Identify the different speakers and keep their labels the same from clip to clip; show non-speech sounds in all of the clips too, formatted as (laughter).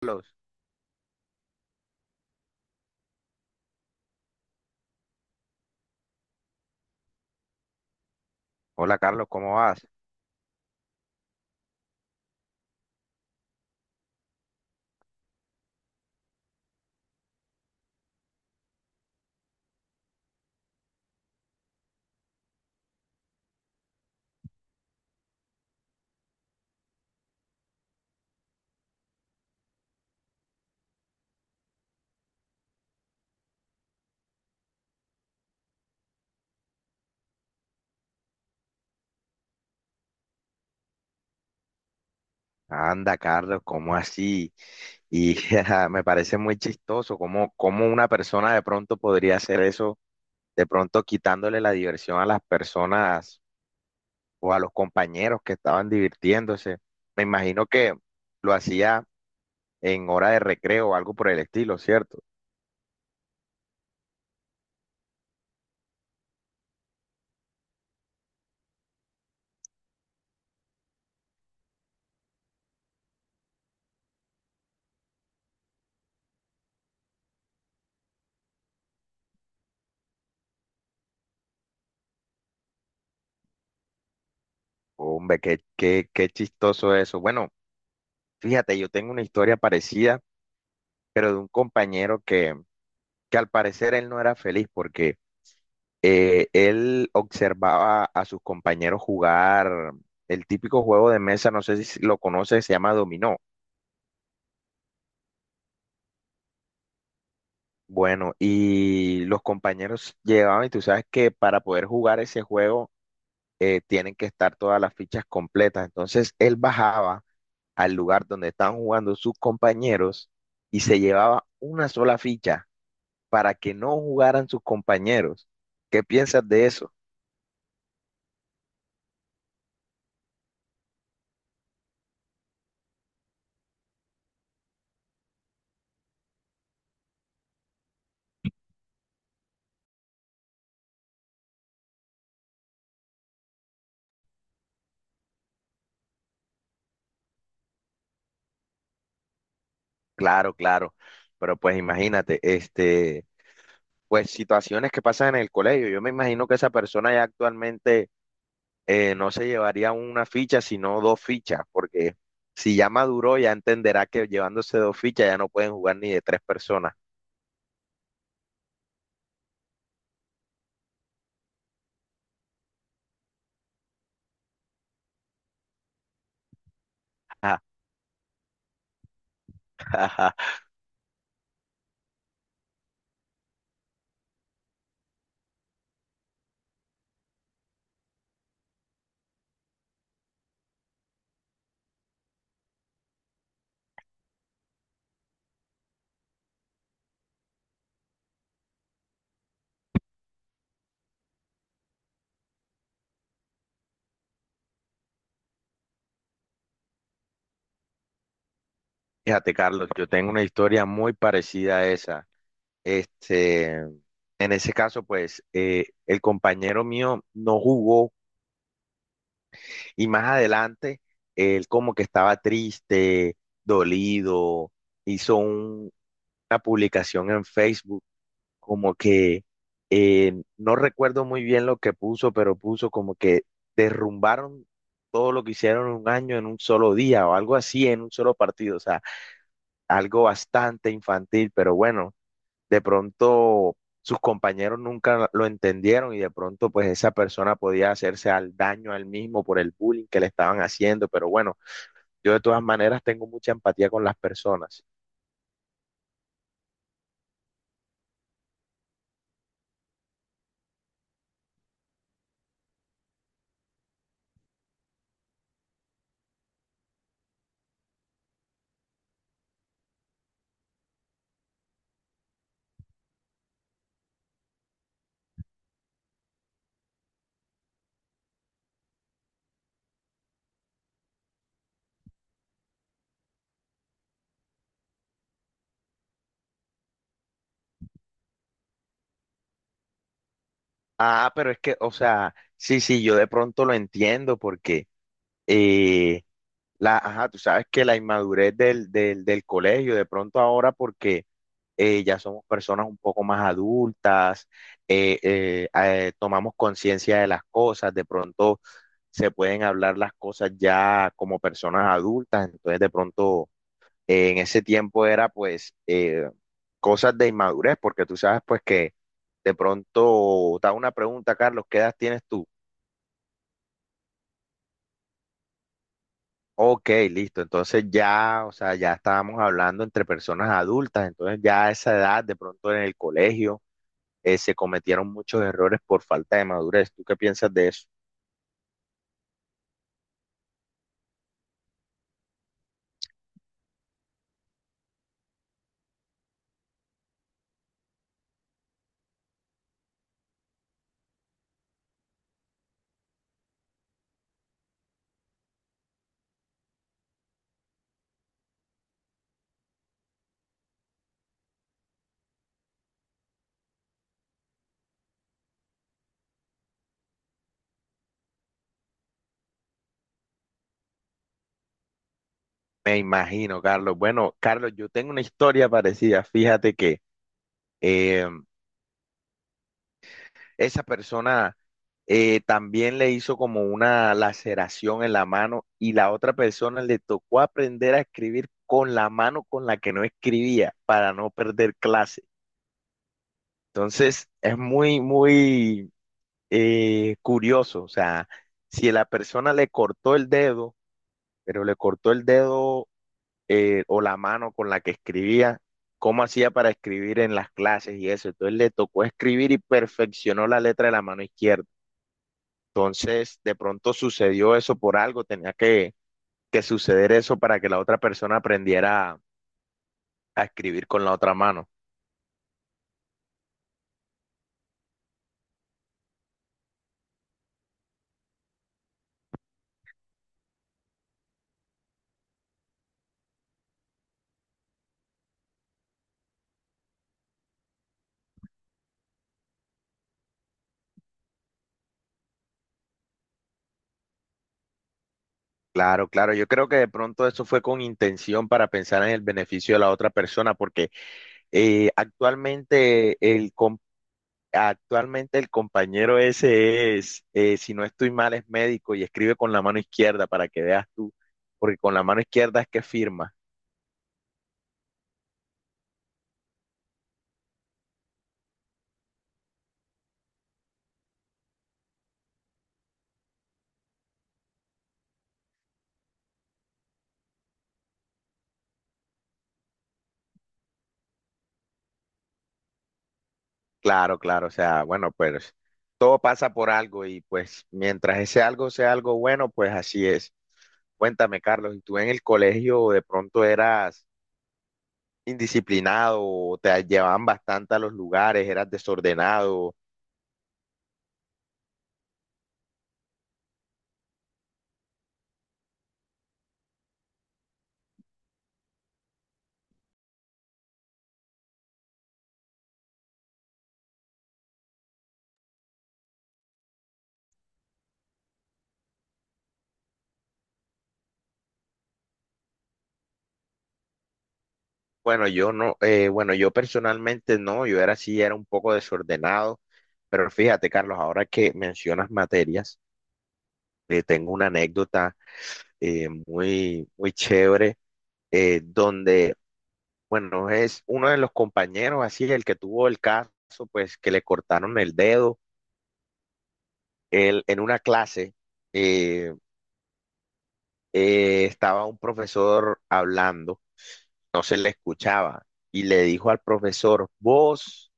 Speaker 1: Carlos. Hola Carlos, ¿cómo vas? Anda, Carlos, ¿cómo así? Y (laughs) ajá, me parece muy chistoso cómo una persona de pronto podría hacer eso, de pronto quitándole la diversión a las personas o a los compañeros que estaban divirtiéndose. Me imagino que lo hacía en hora de recreo o algo por el estilo, ¿cierto? Hombre, qué chistoso eso. Bueno, fíjate, yo tengo una historia parecida, pero de un compañero que al parecer él no era feliz porque él observaba a sus compañeros jugar el típico juego de mesa, no sé si lo conoces, se llama dominó. Bueno, y los compañeros llegaban y tú sabes que para poder jugar ese juego tienen que estar todas las fichas completas. Entonces él bajaba al lugar donde estaban jugando sus compañeros y se llevaba una sola ficha para que no jugaran sus compañeros. ¿Qué piensas de eso? Claro, claro. Pero pues imagínate, pues situaciones que pasan en el colegio. Yo me imagino que esa persona ya actualmente no se llevaría una ficha, sino dos fichas, porque si ya maduró, ya entenderá que llevándose dos fichas ya no pueden jugar ni de tres personas. (laughs) Fíjate, Carlos, yo tengo una historia muy parecida a esa. Este, en ese caso, pues, el compañero mío no jugó y más adelante él como que estaba triste, dolido, hizo una publicación en Facebook, como que no recuerdo muy bien lo que puso, pero puso como que derrumbaron todo lo que hicieron en un año en un solo día o algo así en un solo partido, o sea, algo bastante infantil, pero bueno, de pronto sus compañeros nunca lo entendieron y de pronto pues esa persona podía hacerse al daño a él mismo por el bullying que le estaban haciendo, pero bueno, yo de todas maneras tengo mucha empatía con las personas. Ah, pero es que, o sea, sí, sí, yo de pronto lo entiendo porque, eh, ajá, tú sabes que la inmadurez del colegio, de pronto ahora porque ya somos personas un poco más adultas, tomamos conciencia de las cosas, de pronto se pueden hablar las cosas ya como personas adultas, entonces de pronto en ese tiempo era pues cosas de inmadurez, porque tú sabes pues que de pronto te hago una pregunta, Carlos, ¿qué edad tienes tú? Ok, listo. Entonces ya, o sea, ya estábamos hablando entre personas adultas, entonces ya a esa edad, de pronto en el colegio, se cometieron muchos errores por falta de madurez. ¿Tú qué piensas de eso? Me imagino, Carlos. Bueno, Carlos, yo tengo una historia parecida. Fíjate que eh, esa persona también le hizo como una laceración en la mano y la otra persona le tocó aprender a escribir con la mano con la que no escribía para no perder clase. Entonces, es muy curioso. O sea, si la persona le cortó el dedo, pero le cortó el dedo o la mano con la que escribía, ¿cómo hacía para escribir en las clases y eso? Entonces le tocó escribir y perfeccionó la letra de la mano izquierda. Entonces, de pronto sucedió eso por algo, tenía que suceder eso para que la otra persona aprendiera a escribir con la otra mano. Claro, claro, yo creo que de pronto eso fue con intención para pensar en el beneficio de la otra persona, porque actualmente actualmente el compañero ese es, si no estoy mal, es médico y escribe con la mano izquierda para que veas tú, porque con la mano izquierda es que firma. Claro, claro, o sea, bueno, pues todo pasa por algo y pues mientras ese algo sea algo bueno, pues así es. Cuéntame, Carlos, ¿y tú en el colegio de pronto eras indisciplinado o te llevaban bastante a los lugares, eras desordenado? Bueno, yo no, bueno, yo personalmente no, yo era así, era un poco desordenado, pero fíjate, Carlos, ahora que mencionas materias, tengo una anécdota muy, muy chévere donde Bueno, es uno de los compañeros, así, el que tuvo el caso, pues que le cortaron el dedo. Él, en una clase eh, estaba un profesor hablando, no se le escuchaba, y le dijo al profesor, vos,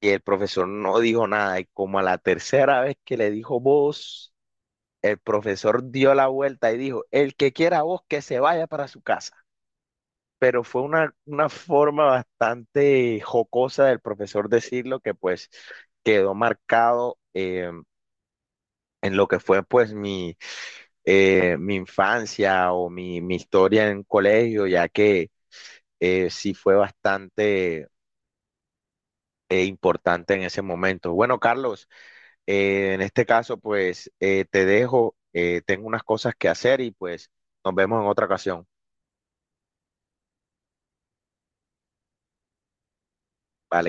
Speaker 1: y el profesor no dijo nada, y como a la tercera vez que le dijo vos, el profesor dio la vuelta y dijo, el que quiera vos, que se vaya para su casa. Pero fue una forma bastante jocosa del profesor decirlo que pues quedó marcado en lo que fue pues mi, mi infancia o mi historia en colegio, ya que sí fue bastante importante en ese momento. Bueno, Carlos, en este caso pues te dejo, tengo unas cosas que hacer y pues nos vemos en otra ocasión. Vale.